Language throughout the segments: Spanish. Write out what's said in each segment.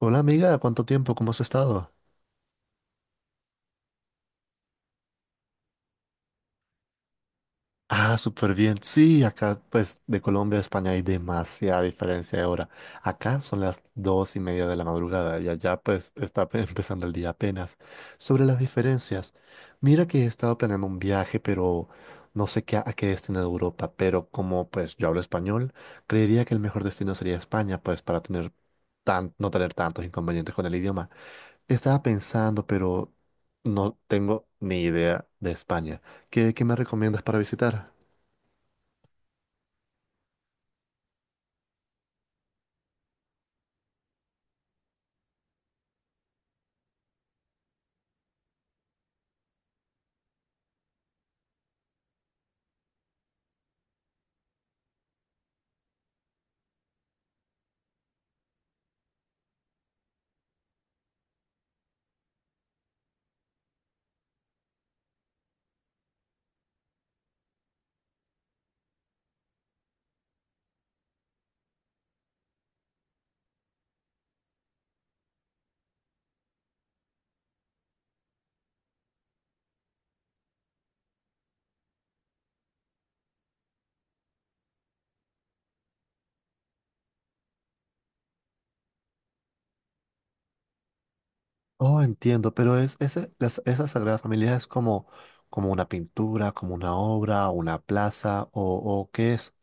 Hola amiga, ¿cuánto tiempo? ¿Cómo has estado? Ah, súper bien. Sí, acá pues de Colombia a España hay demasiada diferencia de hora. Acá son las dos y media de la madrugada y allá pues está pe- empezando el día apenas. Sobre las diferencias, mira que he estado planeando un viaje, pero no sé qué, a qué destino de Europa, pero como pues yo hablo español, creería que el mejor destino sería España, pues para tener tan, no tener tantos inconvenientes con el idioma. Estaba pensando, pero no tengo ni idea de España. ¿Qué me recomiendas para visitar? Oh, entiendo, pero es, ese, las- esa Sagrada Familia es como, como una pintura, como una obra, una plaza, o qué es.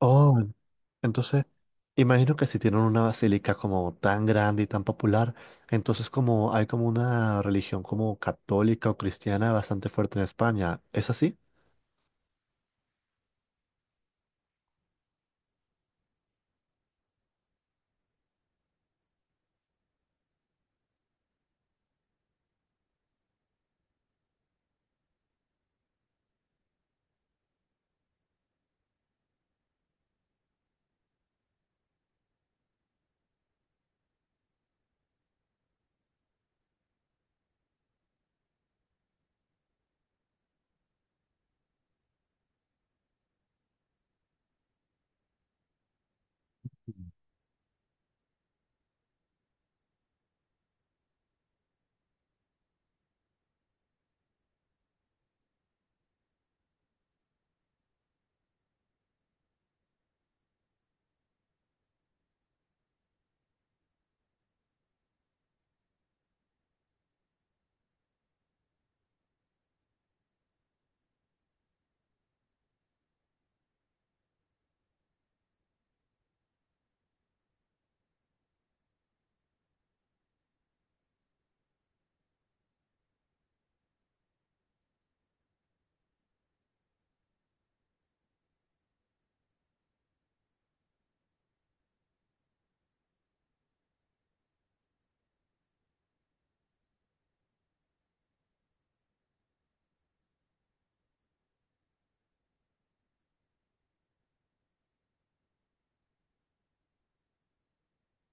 Oh, entonces, imagino que si tienen una basílica como tan grande y tan popular, entonces como hay como una religión como católica o cristiana bastante fuerte en España, ¿es así?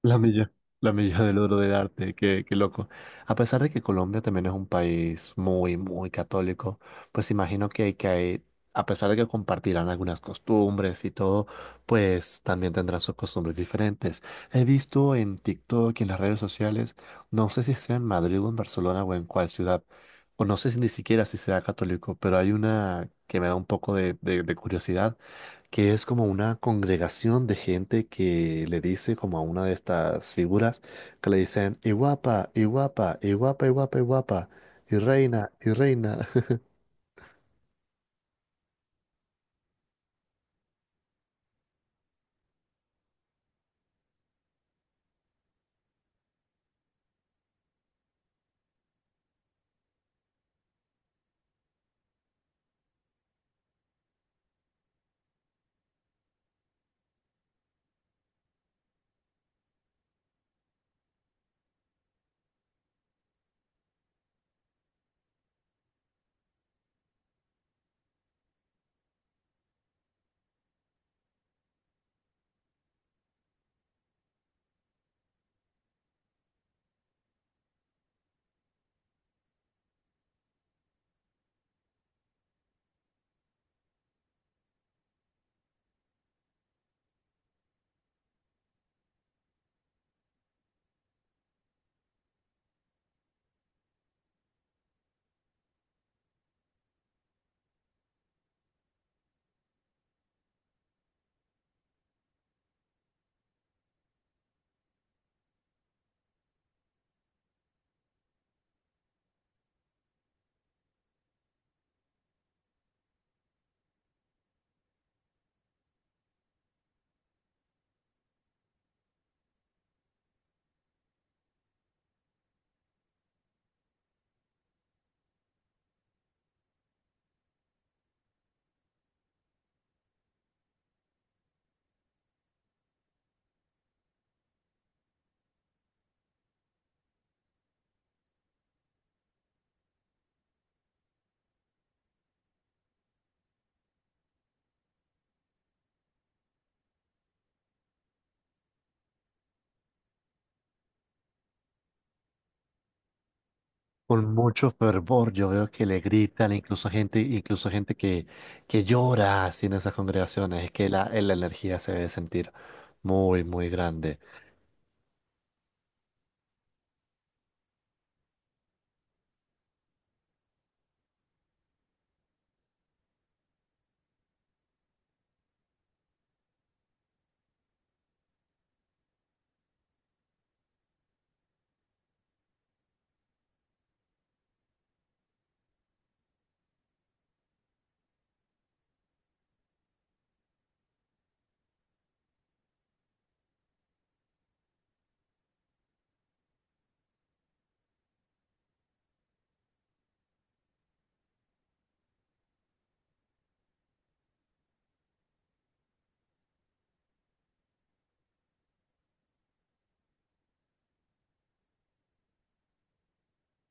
La milla, la milla del oro del arte, qué, qué loco. A pesar de que Colombia también es un país muy, muy católico, pues imagino que hay, a pesar de que compartirán algunas costumbres y todo, pues también tendrán sus costumbres diferentes. He visto en TikTok y en las redes sociales, no sé si sea en Madrid o en Barcelona o en cuál ciudad, o no sé si ni siquiera si sea católico, pero hay una que me da un poco de, de curiosidad, que es como una congregación de gente que le dice como a una de estas figuras, que le dicen y guapa, y guapa, y guapa, y guapa, y guapa, y reina, y reina. Con mucho fervor yo veo que le gritan, incluso gente que llora así en esas congregaciones. Es que la energía se debe sentir muy, muy grande.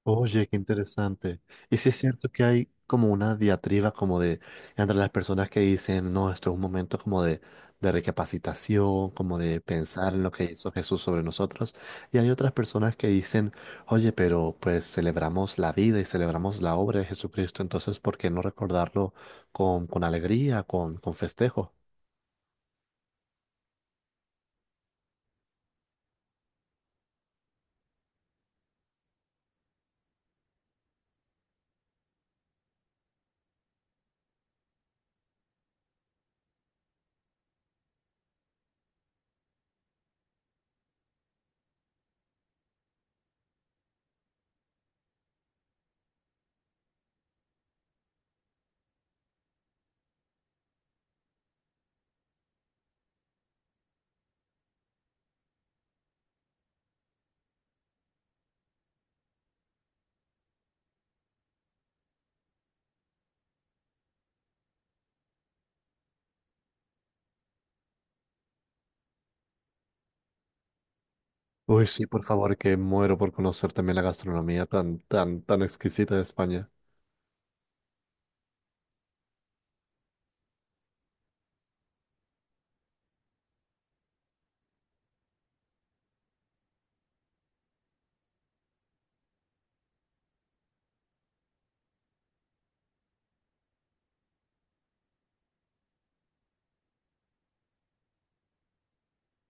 Oye, qué interesante. Y sí es cierto que hay como una diatriba como de, entre las personas que dicen, no, esto es un momento como de recapacitación, como de pensar en lo que hizo Jesús sobre nosotros. Y hay otras personas que dicen, oye, pero pues celebramos la vida y celebramos la obra de Jesucristo, entonces ¿por qué no recordarlo con alegría, con festejo? Uy, sí, por favor, que muero por conocer también la gastronomía tan, tan, tan exquisita de España.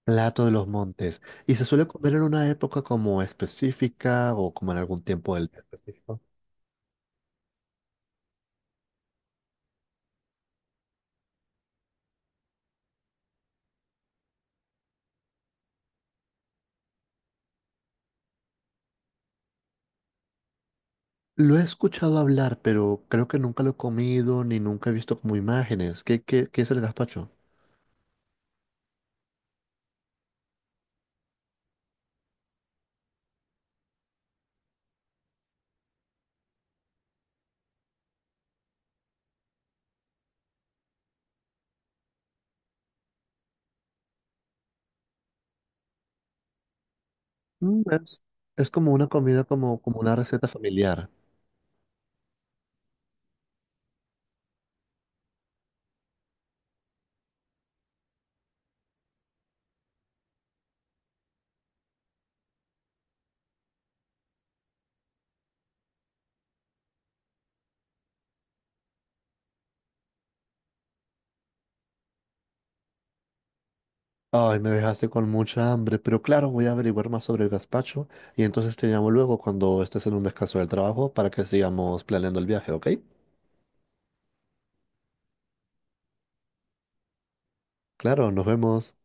Plato de los montes. ¿Y se suele comer en una época como específica o como en algún tiempo del día específico? Lo he escuchado hablar, pero creo que nunca lo he comido ni nunca he visto como imágenes. ¿Qué, qué es el gazpacho? Mm, es como una comida, como, como una receta familiar. Ay, me dejaste con mucha hambre, pero claro, voy a averiguar más sobre el gazpacho y entonces te llamo luego cuando estés en un descanso del trabajo para que sigamos planeando el viaje, ¿ok? Claro, nos vemos.